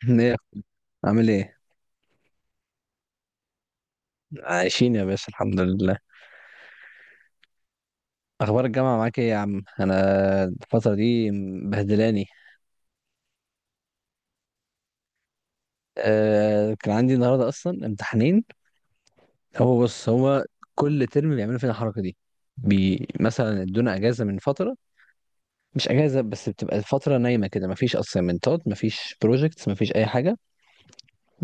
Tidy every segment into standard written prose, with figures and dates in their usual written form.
ايه يا أخوي؟ عامل ايه؟ عايشين يا باشا، الحمد لله. اخبار الجامعه معاك ايه يا عم؟ انا الفتره دي مبهدلاني. كان عندي النهارده اصلا امتحانين. هو بص، هو كل ترم بيعملوا فينا الحركه دي. مثلا ادونا اجازه من فتره، مش اجازه بس بتبقى الفتره نايمه كده، مفيش اسايمنتات مفيش بروجكتس مفيش اي حاجه.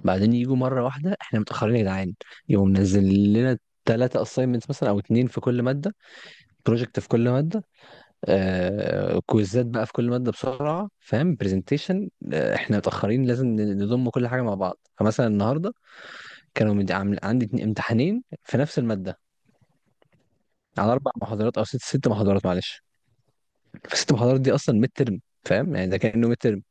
بعدين يجوا مره واحده احنا متاخرين يا جدعان، يقوم منزل لنا ثلاثة اساينمنتس مثلا او اتنين في كل مادة، بروجكت في كل مادة، كويزات بقى في كل ماده بسرعه، فاهم؟ برزنتيشن، احنا متاخرين، لازم نضم كل حاجه مع بعض. فمثلا النهارده عندي امتحانين في نفس الماده، على اربع محاضرات او ست محاضرات، معلش. فست محاضرات دي اصلا ميد ترم، فاهم يعني؟ ده كانه ميد ترم.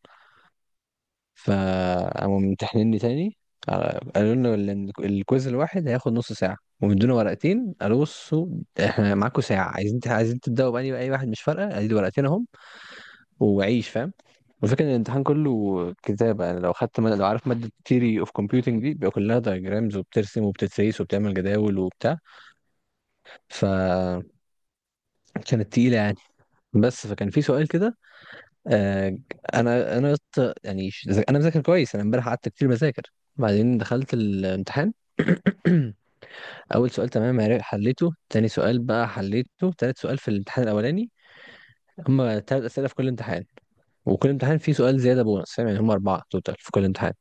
فقاموا ممتحنيني تاني. قالوا لنا الكويز الواحد هياخد نص ساعه، ومدونا ورقتين، قالوا بصوا احنا معاكم ساعه، عايزين تبداوا بأي اي واحد مش فارقه، ادي ورقتين اهم وعيش، فاهم؟ الفكرة ان الامتحان كله كتابة، يعني لو خدت مادة، لو عارف مادة theory of computing دي بيبقى كلها diagrams وبترسم وبتتسيس وبتعمل جداول وبتاع. فكانت تقيلة يعني، بس فكان في سؤال كده. آه، انا يا اسطى، يعني انا مذاكر كويس، انا امبارح قعدت كتير بذاكر. بعدين دخلت الامتحان. اول سؤال تمام، حليته، تاني سؤال بقى حليته، تالت سؤال في الامتحان الاولاني. هما تلات اسئلة في كل امتحان، وكل امتحان فيه سؤال زيادة بونص، فاهم يعني؟ هما أربعة توتال في كل امتحان.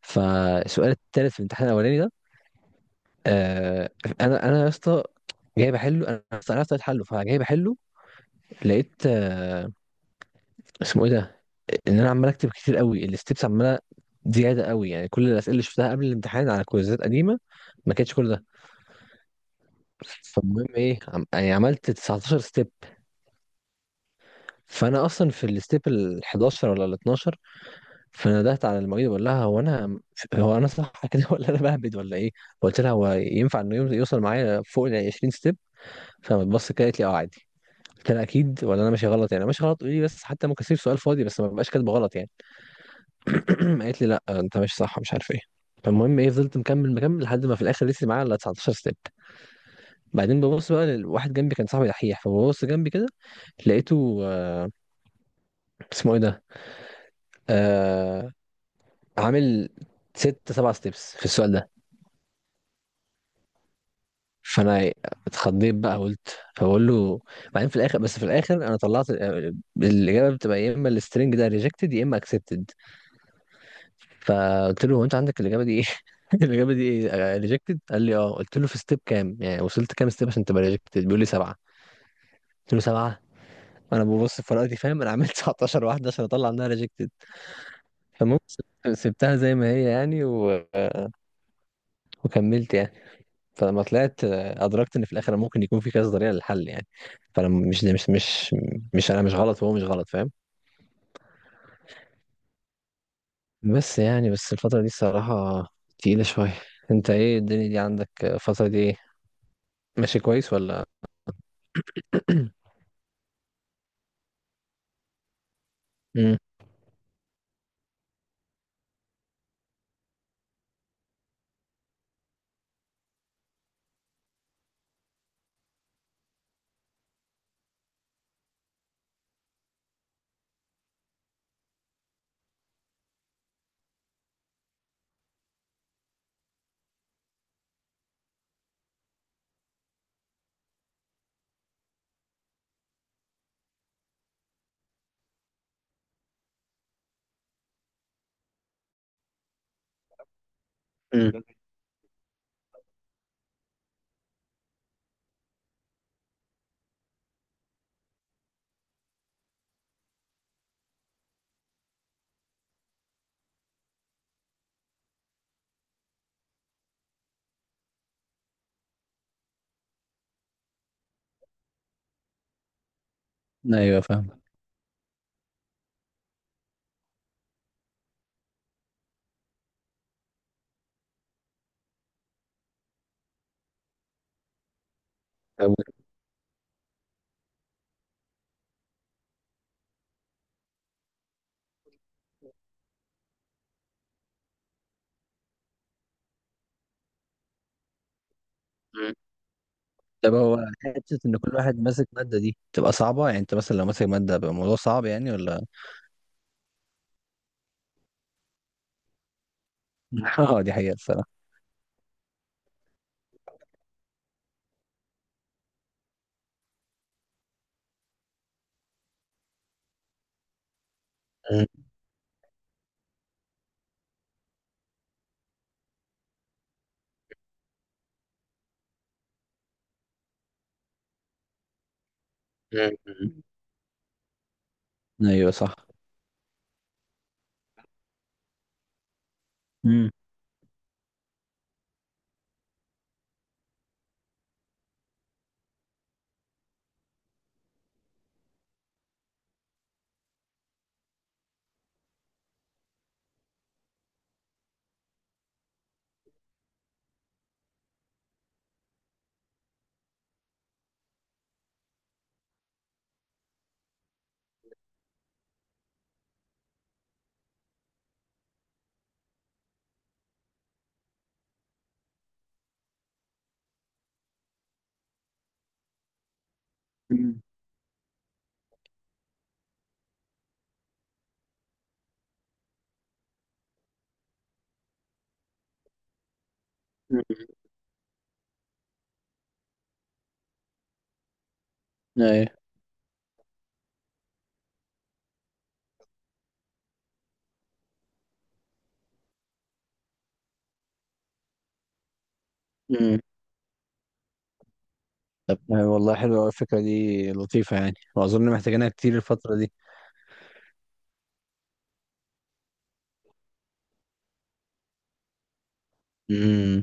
فالسؤال التالت في الامتحان الاولاني ده، آه انا يا اسطى، جاي بحله، انا أصلاً عرفت طريقة حله فجاي بحله. لقيت اسمه ايه ده، ان انا عمال اكتب كتير قوي، الستبس عماله زياده قوي، يعني كل الاسئله اللي شفتها قبل الامتحان على كويزات قديمه ما كانتش كل ده. فالمهم ايه يعني عملت 19 ستيب، فانا اصلا في الستيب ال 11 ولا ال 12. فندهت على المعيده بقول لها هو انا، هو انا صح كده ولا انا بهبد ولا ايه؟ قلت لها هو ينفع انه يوصل معايا فوق ال 20 ستيب؟ فبتبص كده قالت لي اه عادي. قلت لها اكيد ولا انا ماشي غلط؟ يعني أنا ماشي غلط قولي لي بس، حتى ممكن اسيب سؤال فاضي بس ما ببقاش كاتبه غلط يعني. قالت لي لا انت ماشي صح مش عارف ايه. فالمهم ايه فضلت مكمل مكمل لحد ما في الاخر لسه معايا الا 19 ستيب. بعدين ببص بقى لواحد جنبي كان صاحبي دحيح، فببص جنبي كده، لقيته اسمه ايه ده، آه عامل ست سبع ستيبس في السؤال ده. فانا اتخضيت بقى قلت فبقول له. بعدين في الاخر، بس في الاخر انا طلعت، الاجابه بتبقى يا اما السترنج ده ريجكتد يا اما اكسبتد. فقلت له هو انت عندك الاجابه دي ايه؟ الاجابه دي ايه؟ ريجكتد، قال لي اه. قلت له في ستيب كام؟ يعني وصلت كام ستيب عشان تبقى ريجكتد؟ بيقول لي سبعه. قلت له سبعه! انا ببص في ورقتي فاهم، انا عملت 19 واحده عشان اطلع منها ريجكتد. فالمهم سبتها زي ما هي يعني وكملت يعني. فلما طلعت، ادركت ان في الاخر ممكن يكون في كذا طريقه للحل يعني. فانا مش مش مش مش انا مش غلط وهو مش غلط، فاهم؟ بس يعني بس الفتره دي الصراحه تقيله شويه. انت ايه الدنيا دي عندك؟ الفتره دي ايه؟ ماشي كويس ولا؟ امم. امم. ايوه فاهم. طب. مم. طب هو حته ان كل واحد ماسك ماده دي تبقى صعبه يعني، انت مثلا لو ماسك ماده بيبقى الموضوع صعب يعني ولا؟ مم. اه دي حقيقه الصراحه. مم. مم. ايوه صح. امم. مم. مم. ايوه. مم. طب والله حلوه أوي الفكره دي، لطيفه يعني، واظن محتاجينها كتير الفتره دي. امم.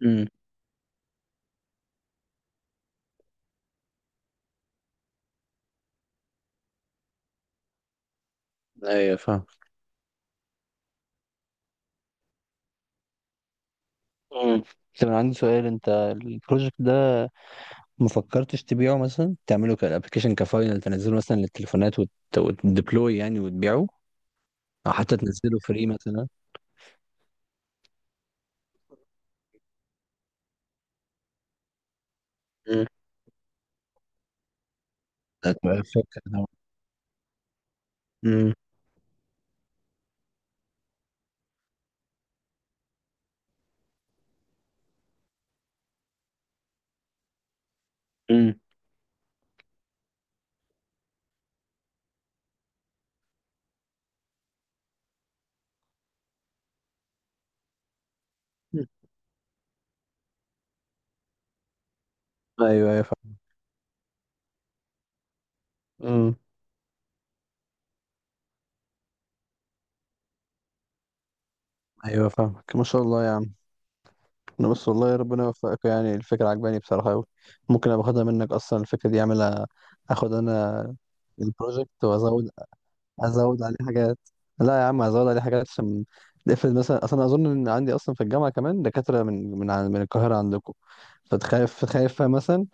مم. ايوه فاهم. مم. طب انا عندي سؤال، انت البروجكت ده ما فكرتش تبيعه؟ مثلا تعمله كابلكيشن كفاينل تنزله مثلا للتليفونات وتديبلوي يعني وتبيعه، او حتى تنزله فري مثلا. مم. هتبقى فكرة طبعا. امم. مم. ايوه ايوه فاهم. امم. ايوه فاهمك ما شاء الله يا عم. انا بس والله ربنا يوفقك، يعني الفكرة عجباني بصراحة قوي. ممكن ابقى اخدها منك اصلا الفكرة دي اعملها؟ اخد انا البروجكت وازود، ازود عليه حاجات. لا يا عم ازود عليه حاجات عشان نقفل، مثلا اصلا اظن ان عندي اصلا في الجامعه كمان دكاتره من من القاهره عندكم، فتخاف خايف مثلا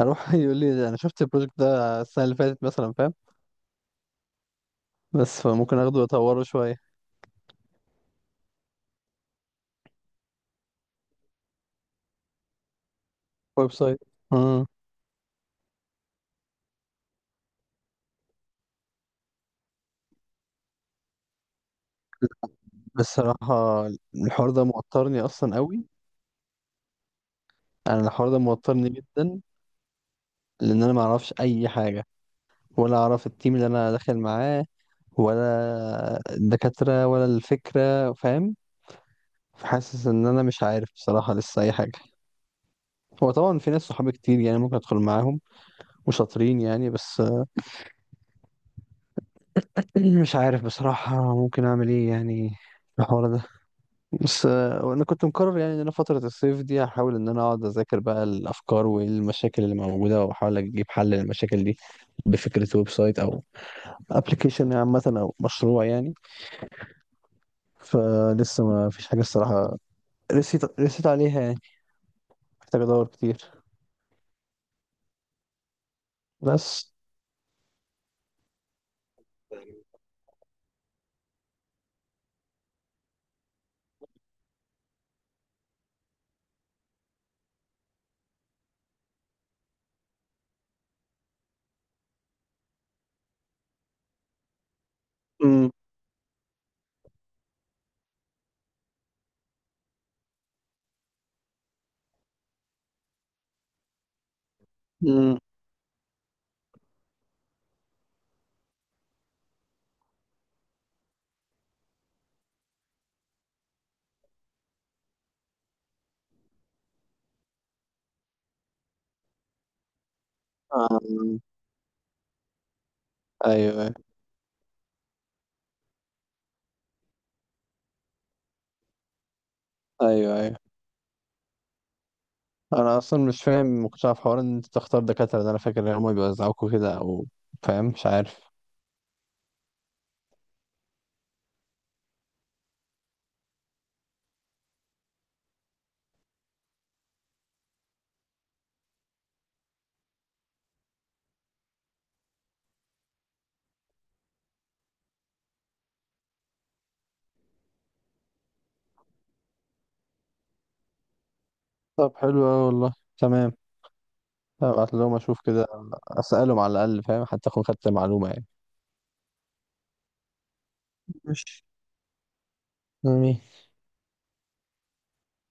اروح يقول لي انا شفت البروجكت ده السنه اللي فاتت مثلا، فاهم؟ بس فممكن اخده واطوره شويه، ويب سايت. امم. بصراحه الحوار ده موترني اصلا قوي. انا الحوار ده موترني جدا، لان انا ما اعرفش اي حاجه، ولا اعرف التيم اللي انا داخل معاه، ولا الدكاتره ولا الفكره، فاهم؟ حاسس ان انا مش عارف بصراحه لسه اي حاجه. هو طبعا في ناس صحابي كتير يعني ممكن ادخل معاهم وشاطرين يعني، بس مش عارف بصراحه ممكن اعمل ايه يعني في الحوار ده. بس انا كنت مقرر يعني ان انا فتره الصيف دي هحاول ان انا اقعد اذاكر بقى الافكار والمشاكل اللي موجوده، واحاول اجيب حل للمشاكل دي، بفكره ويب سايت او ابلكيشن عامه او مشروع يعني. فلسه ما فيش حاجه الصراحه رسيت عليها يعني. محتاج ادور كتير. بس. امم. ايوه ايوه. ايوه ايوه. انا اصلا مش فاهم مقتنع في حوار ان انت تختار دكاتره ده، انا فاكر ان هم بيوزعوكوا كده او، فاهم؟ مش عارف. طب حلو اوي والله. تمام. هبعت لهم اشوف كده، اسالهم على الاقل فاهم، حتى اكون خدت معلومه يعني. ماشي. امين.